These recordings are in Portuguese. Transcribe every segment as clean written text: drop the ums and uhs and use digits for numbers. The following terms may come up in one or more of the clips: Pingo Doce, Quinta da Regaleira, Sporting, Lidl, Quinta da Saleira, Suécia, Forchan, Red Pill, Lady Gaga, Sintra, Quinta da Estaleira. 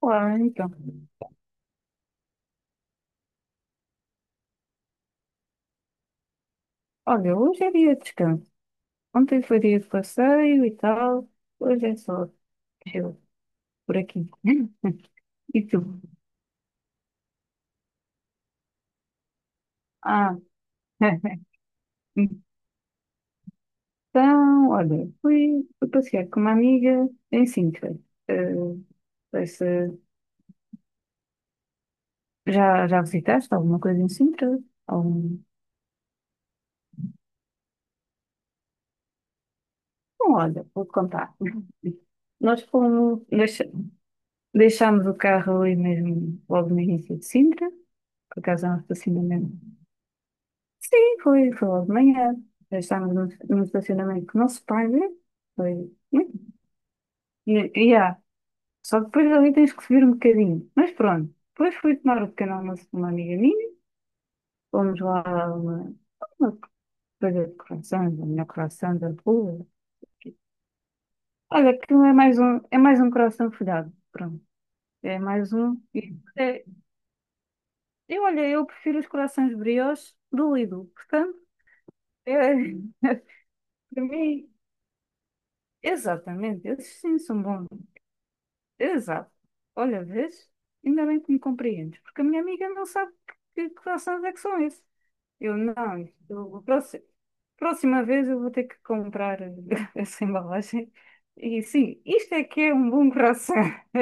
Olá, então. Olha, hoje é dia de descanso. Ontem foi dia de passeio e tal. Hoje é só eu por aqui. E tu? Ah, então, olha, fui passear com uma amiga em Sintra. Não sei se já visitaste alguma coisa em Sintra? Algum... Bom, olha, vou-te contar. Nós fomos, deixa, deixámos o carro ali mesmo, logo no início de Sintra. Por acaso, é um estacionamento. Sim, foi logo de manhã. Já estávamos num estacionamento que não se paga. Foi. hum, E, e há. Só depois ali tens que subir um bocadinho. Mas pronto. Depois fui tomar o pequeno almoço com uma amiga minha. Fomos lá a uma coisa de croissants, a melhor croissant da rua. Olha, aquilo é mais um coração folhado. Pronto. É mais um. Olha, eu prefiro os corações brioches do Lidl. Portanto, é, para mim, exatamente. Esses sim são bons. Exato. Olha, vês? Ainda bem que me compreendes, porque a minha amiga não sabe que croissants é que são esses. Eu não, próxima vez eu vou ter que comprar essa embalagem. E sim, isto é que é um bom croissant.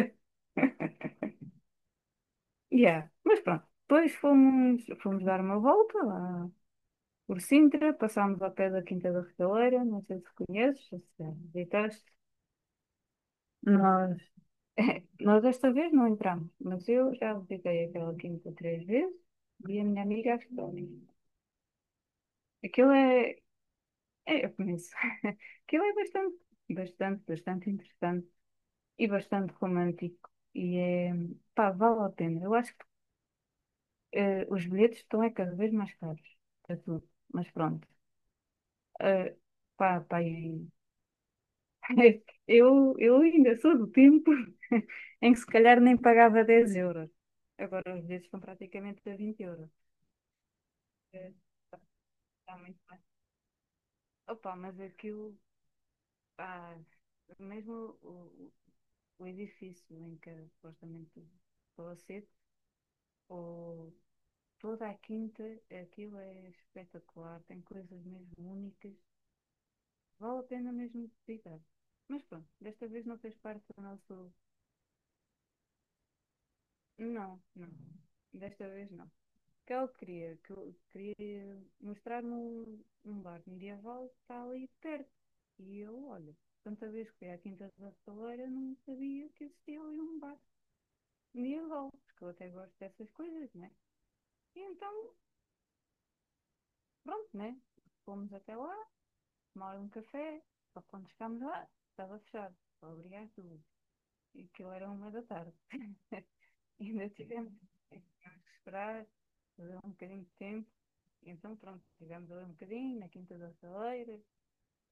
Yeah. Mas pronto, depois fomos dar uma volta lá por Sintra, passámos ao pé da Quinta da Regaleira, não sei se conheces, se já visitaste. Nós Nós desta vez não entramos, mas eu já visitei aquela quinta três vezes e a minha amiga ajudou. Aquilo eu conheço, aquilo é bastante, bastante, bastante interessante e bastante romântico e pá, vale a pena. Eu acho que os bilhetes estão é cada vez mais caros para tudo, mas pronto. Eh, Pá, pá, eu ainda sou do tempo em que se calhar nem pagava 10 euros. Agora os bilhetes estão praticamente a 20 euros. eh, Está muito bem. Opa, mas aquilo, pá, mesmo o- o edifício em que é supostamente estou a ser, ou toda a quinta, aquilo é espetacular, tem coisas mesmo únicas, vale a pena mesmo visitar. Mas pronto, desta vez não fez parte do nosso. Não, não, desta vez não. Que eu queria mostrar num bar medieval que está ali perto. E eu, olha, tanta vez que fui à Quinta da Estaleira, não sabia que existia ali um bar medieval, porque eu até gosto dessas coisas, né? E então, pronto, né? Fomos até lá, tomar um café, só que quando chegámos lá, estava fechado. Obrigado. E aquilo era 1 da tarde. Ainda tivemos que esperar, fazer um bocadinho de tempo. Então, pronto, estivemos ali um bocadinho na Quinta da Saleira,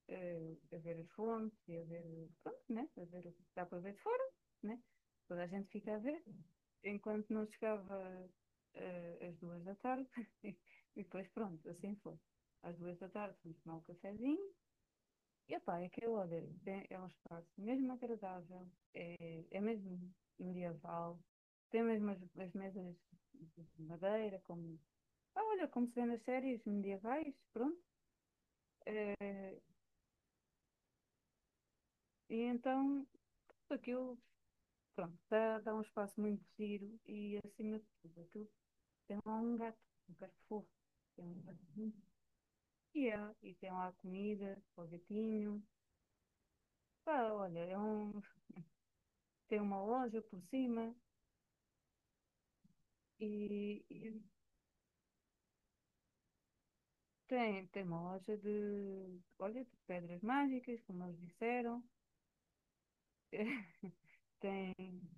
a ver as fontes e a ver, pronto, né? A ver o que dá para ver de fora, né? Toda a gente fica a ver. Enquanto não chegava às 2 da tarde, e depois, pronto, assim foi. Às duas da tarde fomos tomar um cafezinho e pá, aquilo, olha, bem, é um espaço mesmo agradável, é mesmo medieval, tem mesmo as mesas de madeira, como, ah, olha, como se vê nas séries medievais, pronto. E então, aquilo, pronto, dá um espaço muito giro e, acima de tudo, aquilo tem lá um gato fofo, tem um gato muito fiel, e tem lá comida, para o gatinho. Pá, olha, tem uma loja por cima e tem uma loja de, olha, de pedras mágicas, como eles disseram. Tem,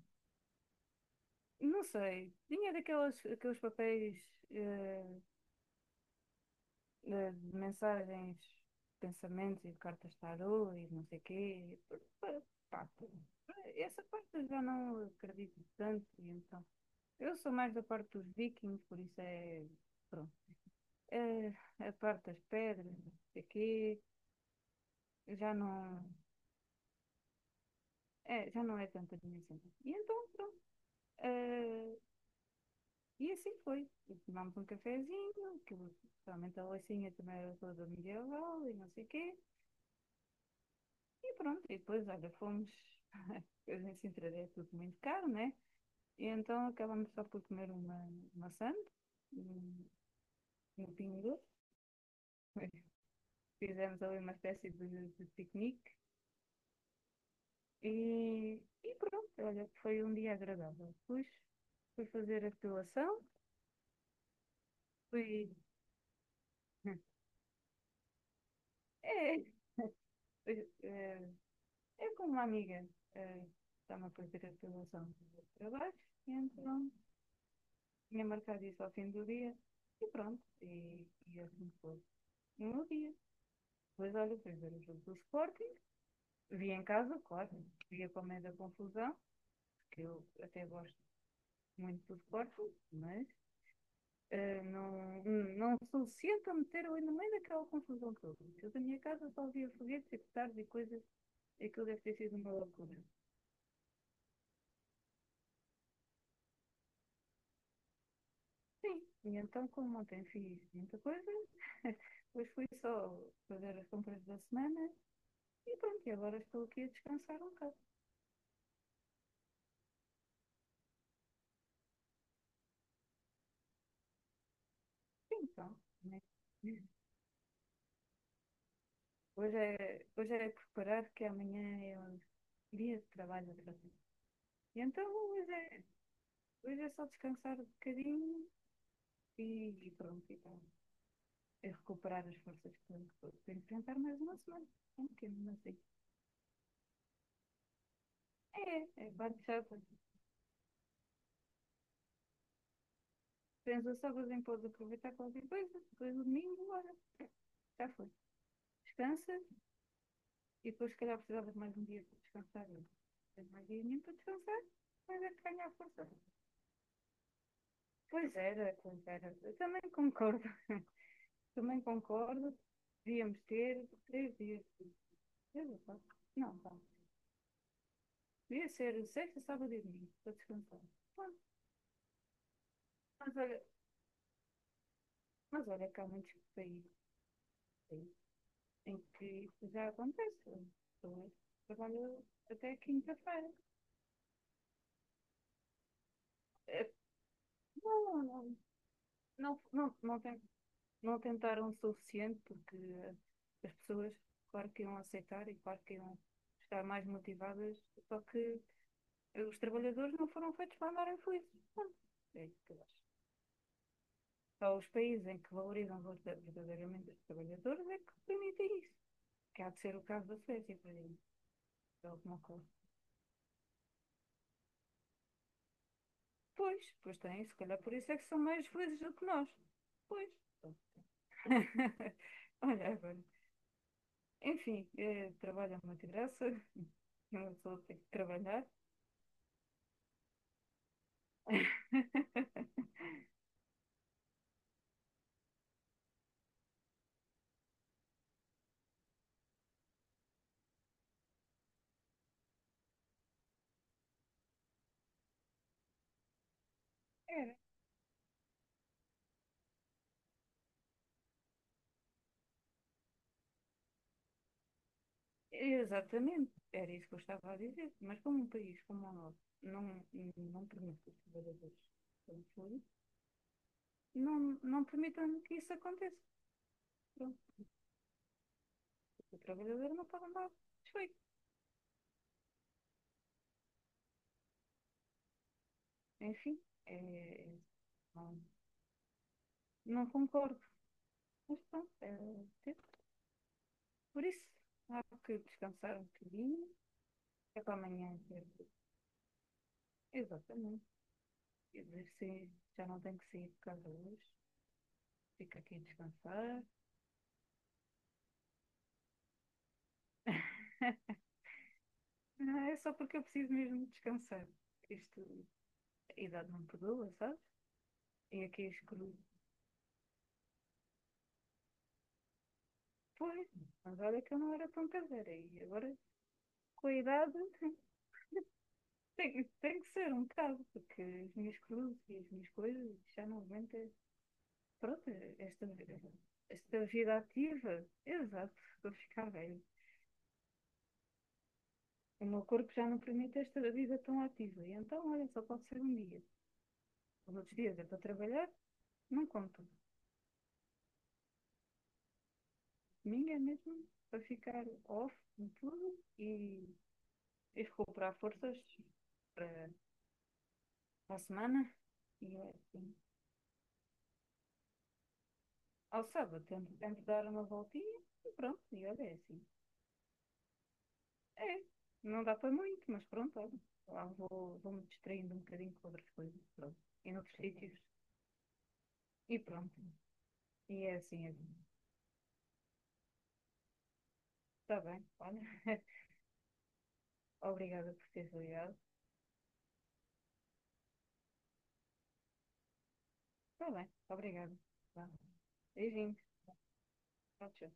não sei, tinha daqueles aqueles papéis eh, de mensagens, pensamentos e cartas tarô e não sei quê. Pa- pa- Pá, essa parte eu já não acredito tanto, e então. Eu sou mais da parte dos vikings, por isso é, pronto. Eh, a parte das pedras, não sei quê, já não, já não é tanta a minha cena. E então, pronto. Eh, e assim foi. E tomámos um cafezinho, que realmente a Leicinha também era toda medieval e não sei o quê. E pronto, e depois, olha, fomos. Depois em Sintra é tudo muito caro, né? E então acabamos só por comer uma maçã no Pingo Doce. Fizemos ali uma espécie de piquenique e pronto, olha, foi um dia agradável. Fui fazer a depilação, fui. É, eh, Eu com uma amiga eh, estava a fazer a apresentação do trabalho e então tinha marcado isso ao fim do dia e pronto, e assim foi. E um dia, depois olha, fui ver o jogo do Sporting, vi em casa, claro, via para o meio da confusão, que eu até gosto muito do Sporting, mas eh, não, não sou suficiente a meter ali no meio daquela confusão toda. Eu da minha casa só via foguetes e petardos e coisas, aquilo deve ter sido uma loucura. Sim, e então, como ontem fiz muita coisa, hoje fui só fazer as compras da semana e pronto, e agora estou aqui a descansar um bocado. Sim, então, né? Hoje é preparar que amanhã é um dia de trabalho outra vez. E então, hoje é só descansar um bocadinho e pronto, e então, é recuperar as forças que tenho que enfrentar mais uma semana. É um bocadinho assim. É bate chata. Pensa só que os Zinho aproveitar qualquer coisa. Depois o domingo, bora. Já foi. Descansa e depois, se calhar, precisava de mais um dia para descansar. Tens mais dia nenhum para descansar, mas é que ganha a força. Pois era, pois era. Eu também concordo. também concordo. Devíamos ter 3 dias. 3 ou 4? Não, vá. Devia ser sexta, sábado e domingo para descansar. Bom, mas olha, mas olha que há muitos países em que isso já acontece. Eu trabalho até quinta-feira. É, Não, não, não, não, não, não tentaram o suficiente porque as pessoas, claro que iam aceitar e claro que iam estar mais motivadas, só que os trabalhadores não foram feitos para andarem felizes. Pronto, é isso que eu acho. Só os países em que valorizam verdadeiramente os trabalhadores é que permitem isso. Que há de ser o caso da Suécia, por exemplo. É o que me ocorre. Pois, pois têm, se calhar por isso é que são mais felizes do que nós. Pois. Olha, agora. Enfim, trabalho é uma desgraça, uma pessoa tem que trabalhar. Era. Exatamente, era isso que eu estava a dizer. Mas como um país como o nosso não permite que os trabalhadores sejam felizes, não permitam que isso aconteça. Pronto, o trabalhador não pode andar desfeito. Enfim, não, não concordo. Mas pronto, por isso, há que descansar um bocadinho. É para amanhã. Exatamente. Quer dizer, sim, já não tenho que sair de casa hoje. Fico aqui a descansar. Não, é só porque eu preciso mesmo descansar. Isto, a idade não perdoa, sabe. E aqui escolhi. Pois, mas olha que eu não era tão caseira. E agora, com a idade, tem que ser um bocado, porque as minhas cruzes e as minhas coisas já não aguentam. Pronto, esta, esta vida ativa. Exato, estou a ficar velho. O meu corpo já não permite esta vida tão ativa. E então, olha, só pode ser um dia. Os outros dias é para trabalhar, não conto. Domingo é mesmo para ficar off de tudo e recuperar forças para, para a semana. E é assim. Ao sábado tento dar uma voltinha e pronto, e olha, é assim. É, não dá para muito, mas pronto, olha. Lá vou me distraindo um bocadinho com outras coisas, pronto. E noutros sítios, e pronto. E é assim, é assim. Está bem, olha. Obrigada por teres ligado. Está bem, obrigada. Vá. Beijinhos. Tchau, tchau.